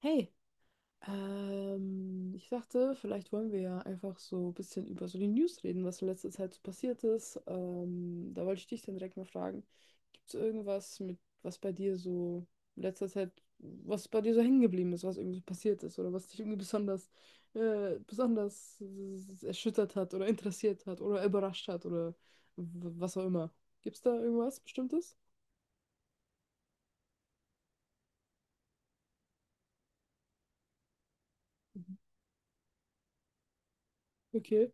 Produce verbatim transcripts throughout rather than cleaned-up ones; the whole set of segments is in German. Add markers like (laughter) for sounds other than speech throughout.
Hey, ähm, ich dachte, vielleicht wollen wir ja einfach so ein bisschen über so die News reden, was in letzter Zeit so passiert ist. Ähm, da wollte ich dich dann direkt mal fragen, gibt es irgendwas mit, was bei dir so in letzter Zeit, was bei dir so hängen geblieben ist, was irgendwie so passiert ist oder was dich irgendwie besonders, äh, besonders äh, erschüttert hat oder interessiert hat oder überrascht hat oder w- was auch immer. Gibt es da irgendwas Bestimmtes? Mhm. Okay.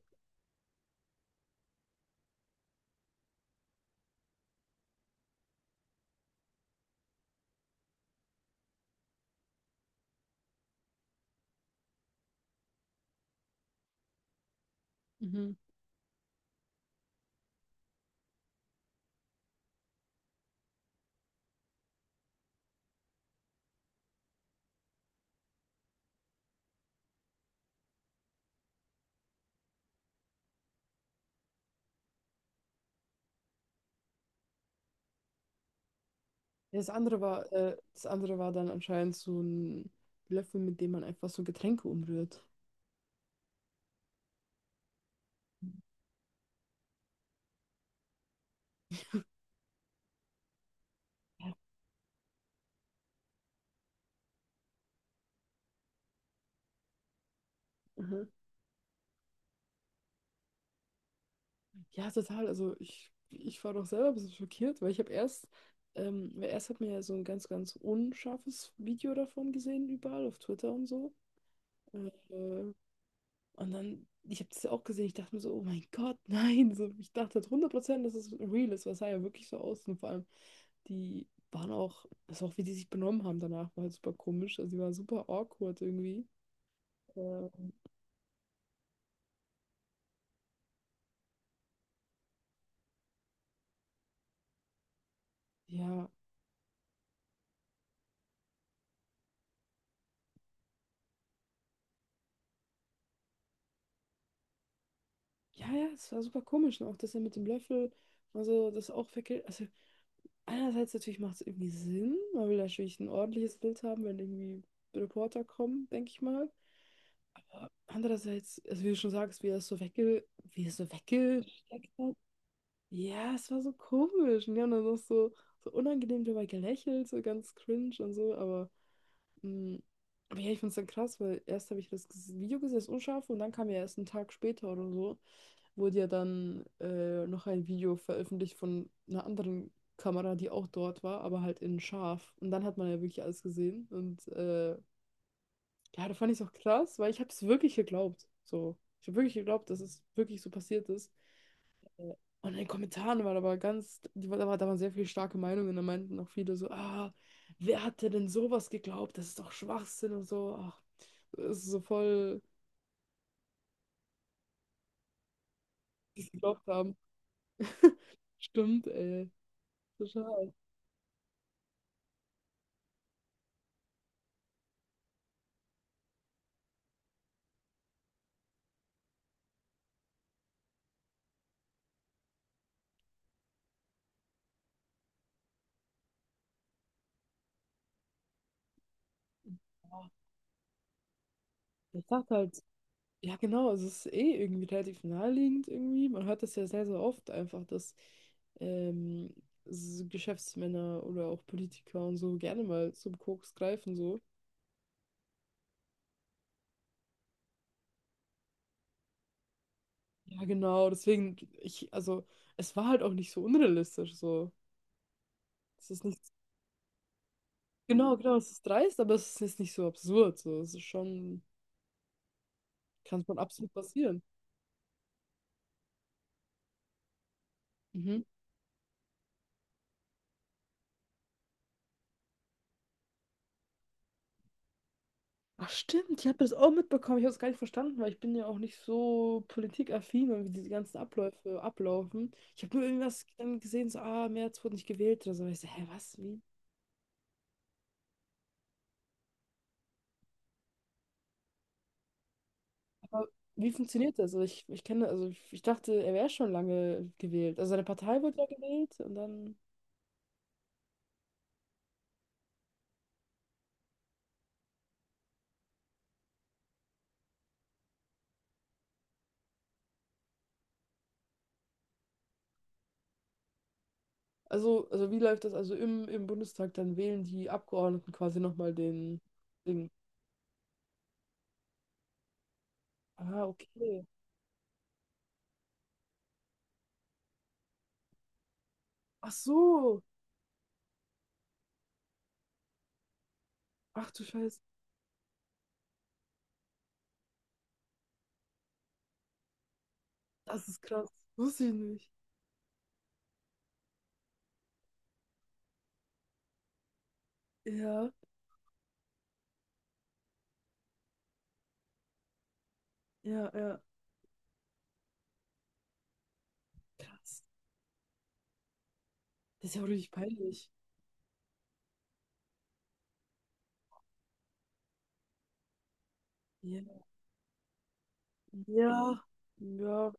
Mhm. Ja, das andere war, äh, das andere war dann anscheinend so ein Löffel, mit dem man einfach so Getränke umrührt. Ja, mhm. Ja, total. Also ich, ich war doch selber ein bisschen schockiert, weil ich habe erst, ähm, weil erst hat mir ja so ein ganz, ganz unscharfes Video davon gesehen, überall auf Twitter und so. Äh, und dann, ich habe das ja auch gesehen, ich dachte mir so, oh mein Gott, (laughs) nein. So, ich dachte halt hundert Prozent, dass es real ist, was sah ja wirklich so aus. Und vor allem, die waren auch, also auch wie die sich benommen haben danach, war halt super komisch. Also die waren super awkward irgendwie. Äh, ja, ja, ja, es war super komisch. Und auch das ja mit dem Löffel, also das auch verkehrt. Also einerseits natürlich macht es irgendwie Sinn, man will natürlich ein ordentliches Bild haben, wenn irgendwie Reporter kommen, denke ich mal. Andererseits, also wie du schon sagst, wie er es so wegge wie er es so weggesteckt hat. Ja, es war so komisch. Und die haben dann noch so, so unangenehm dabei gelächelt, so ganz cringe und so, aber mm, aber ja, ich find's dann krass, weil erst habe ich das ges- Video gesehen, das Unscharfe, und dann kam ja erst einen Tag später oder so, wurde ja dann äh, noch ein Video veröffentlicht von einer anderen Kamera, die auch dort war, aber halt in scharf. Und dann hat man ja wirklich alles gesehen. Und äh, ja, da fand ich es auch krass, weil ich habe es wirklich geglaubt. So, ich habe wirklich geglaubt, dass es wirklich so passiert ist. Und in den Kommentaren waren aber ganz, die, da war- da waren sehr viele starke Meinungen. Da meinten auch viele so, ah, wer hat dir denn sowas geglaubt? Das ist doch Schwachsinn und so. Ach, das ist so voll geglaubt haben. Stimmt, ey. Total. Ich dachte halt, ja genau, also es ist eh irgendwie relativ naheliegend irgendwie. Man hört das ja sehr, sehr oft einfach, dass ähm, s- Geschäftsmänner oder auch Politiker und so gerne mal zum Koks greifen so. Ja, genau, deswegen, ich, also, es war halt auch nicht so unrealistisch, so. Es ist nicht, genau, genau, es ist dreist, aber es ist jetzt nicht so absurd, so. Es ist schon, kann schon absolut passieren. Mhm. Ach, stimmt, ich habe das auch mitbekommen, ich habe es gar nicht verstanden, weil ich bin ja auch nicht so politikaffin und wie diese ganzen Abläufe ablaufen. Ich habe nur irgendwas dann gesehen, so, ah, Merz wurde nicht gewählt oder so. Ich so, hä, was, wie? Aber wie funktioniert das? Also ich, ich kenne, also ich ich dachte, er wäre schon lange gewählt. Also seine Partei wurde ja gewählt und dann. Also, also wie läuft das? Also im, im Bundestag, dann wählen die Abgeordneten quasi nochmal den Ding. Ah, okay. Ach so. Ach du Scheiße. Das ist krass. Wusste ich nicht. Ja, ja, ja. Krass. Das ist ja auch richtig peinlich. Ja. Ja. Ja.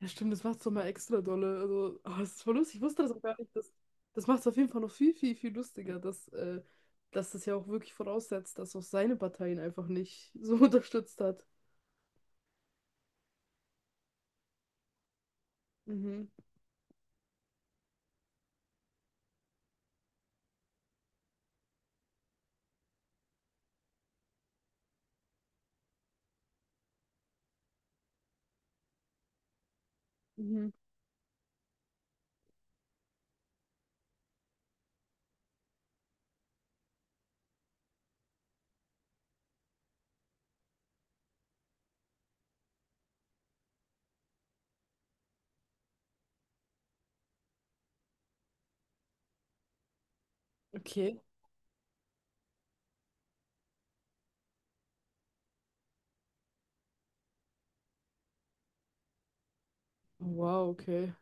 Ja, stimmt, das macht es doch mal extra dolle. Also, ah, das ist voll lustig. Ich wusste das auch gar nicht. Das, das macht es auf jeden Fall noch viel, viel, viel lustiger, dass, äh, dass das ja auch wirklich voraussetzt, dass auch seine Partei ihn einfach nicht so (laughs) unterstützt hat. Mhm. Mhm. Okay. Wow, okay.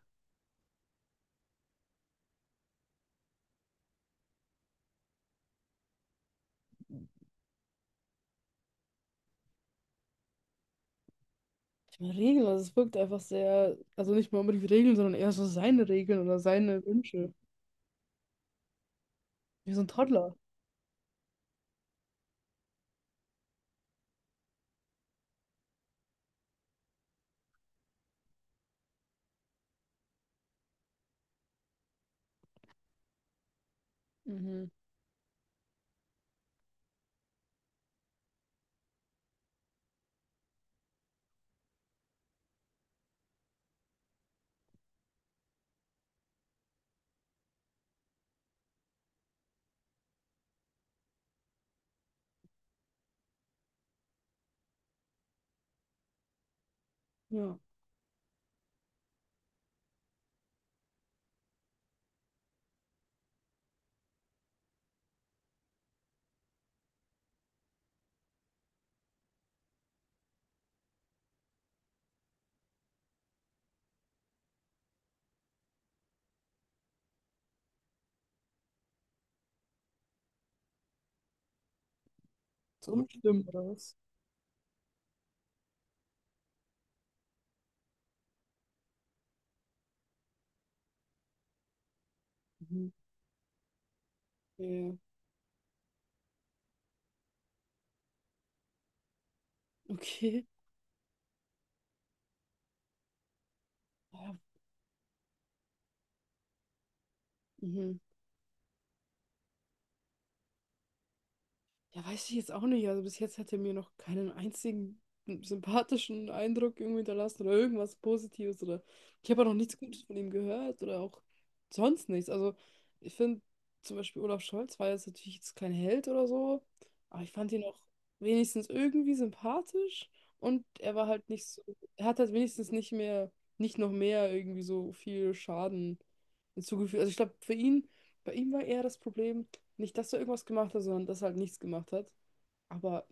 Die Regeln, also es wirkt einfach sehr, also nicht mal unbedingt Regeln, sondern eher so seine Regeln oder seine Wünsche. Wie so ein Toddler. Mhm. Ja. So umstimmen oder was? Mhm. Ja. Okay. Ja. Mhm. Ja, weiß ich jetzt auch nicht. Also bis jetzt hat er mir noch keinen einzigen sympathischen Eindruck irgendwie hinterlassen oder irgendwas Positives oder ich habe auch noch nichts Gutes von ihm gehört oder auch sonst nichts. Also ich finde zum Beispiel Olaf Scholz war jetzt natürlich jetzt kein Held oder so, aber ich fand ihn auch wenigstens irgendwie sympathisch und er war halt nicht so, er hat halt wenigstens nicht mehr, nicht noch mehr irgendwie so viel Schaden hinzugefügt. Also ich glaube, für ihn bei ihm war eher das Problem, nicht, dass er irgendwas gemacht hat, sondern dass er halt nichts gemacht hat. Aber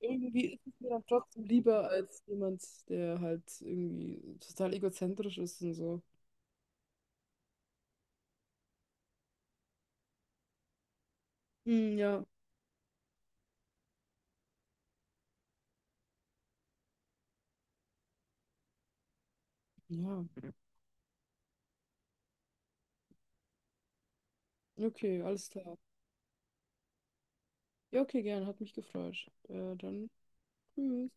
irgendwie ist es mir dann trotzdem lieber als jemand, der halt irgendwie total egozentrisch ist und so. Hm, ja. Ja, okay, alles klar. Ja, okay, gern, hat mich gefreut. Äh, dann tschüss.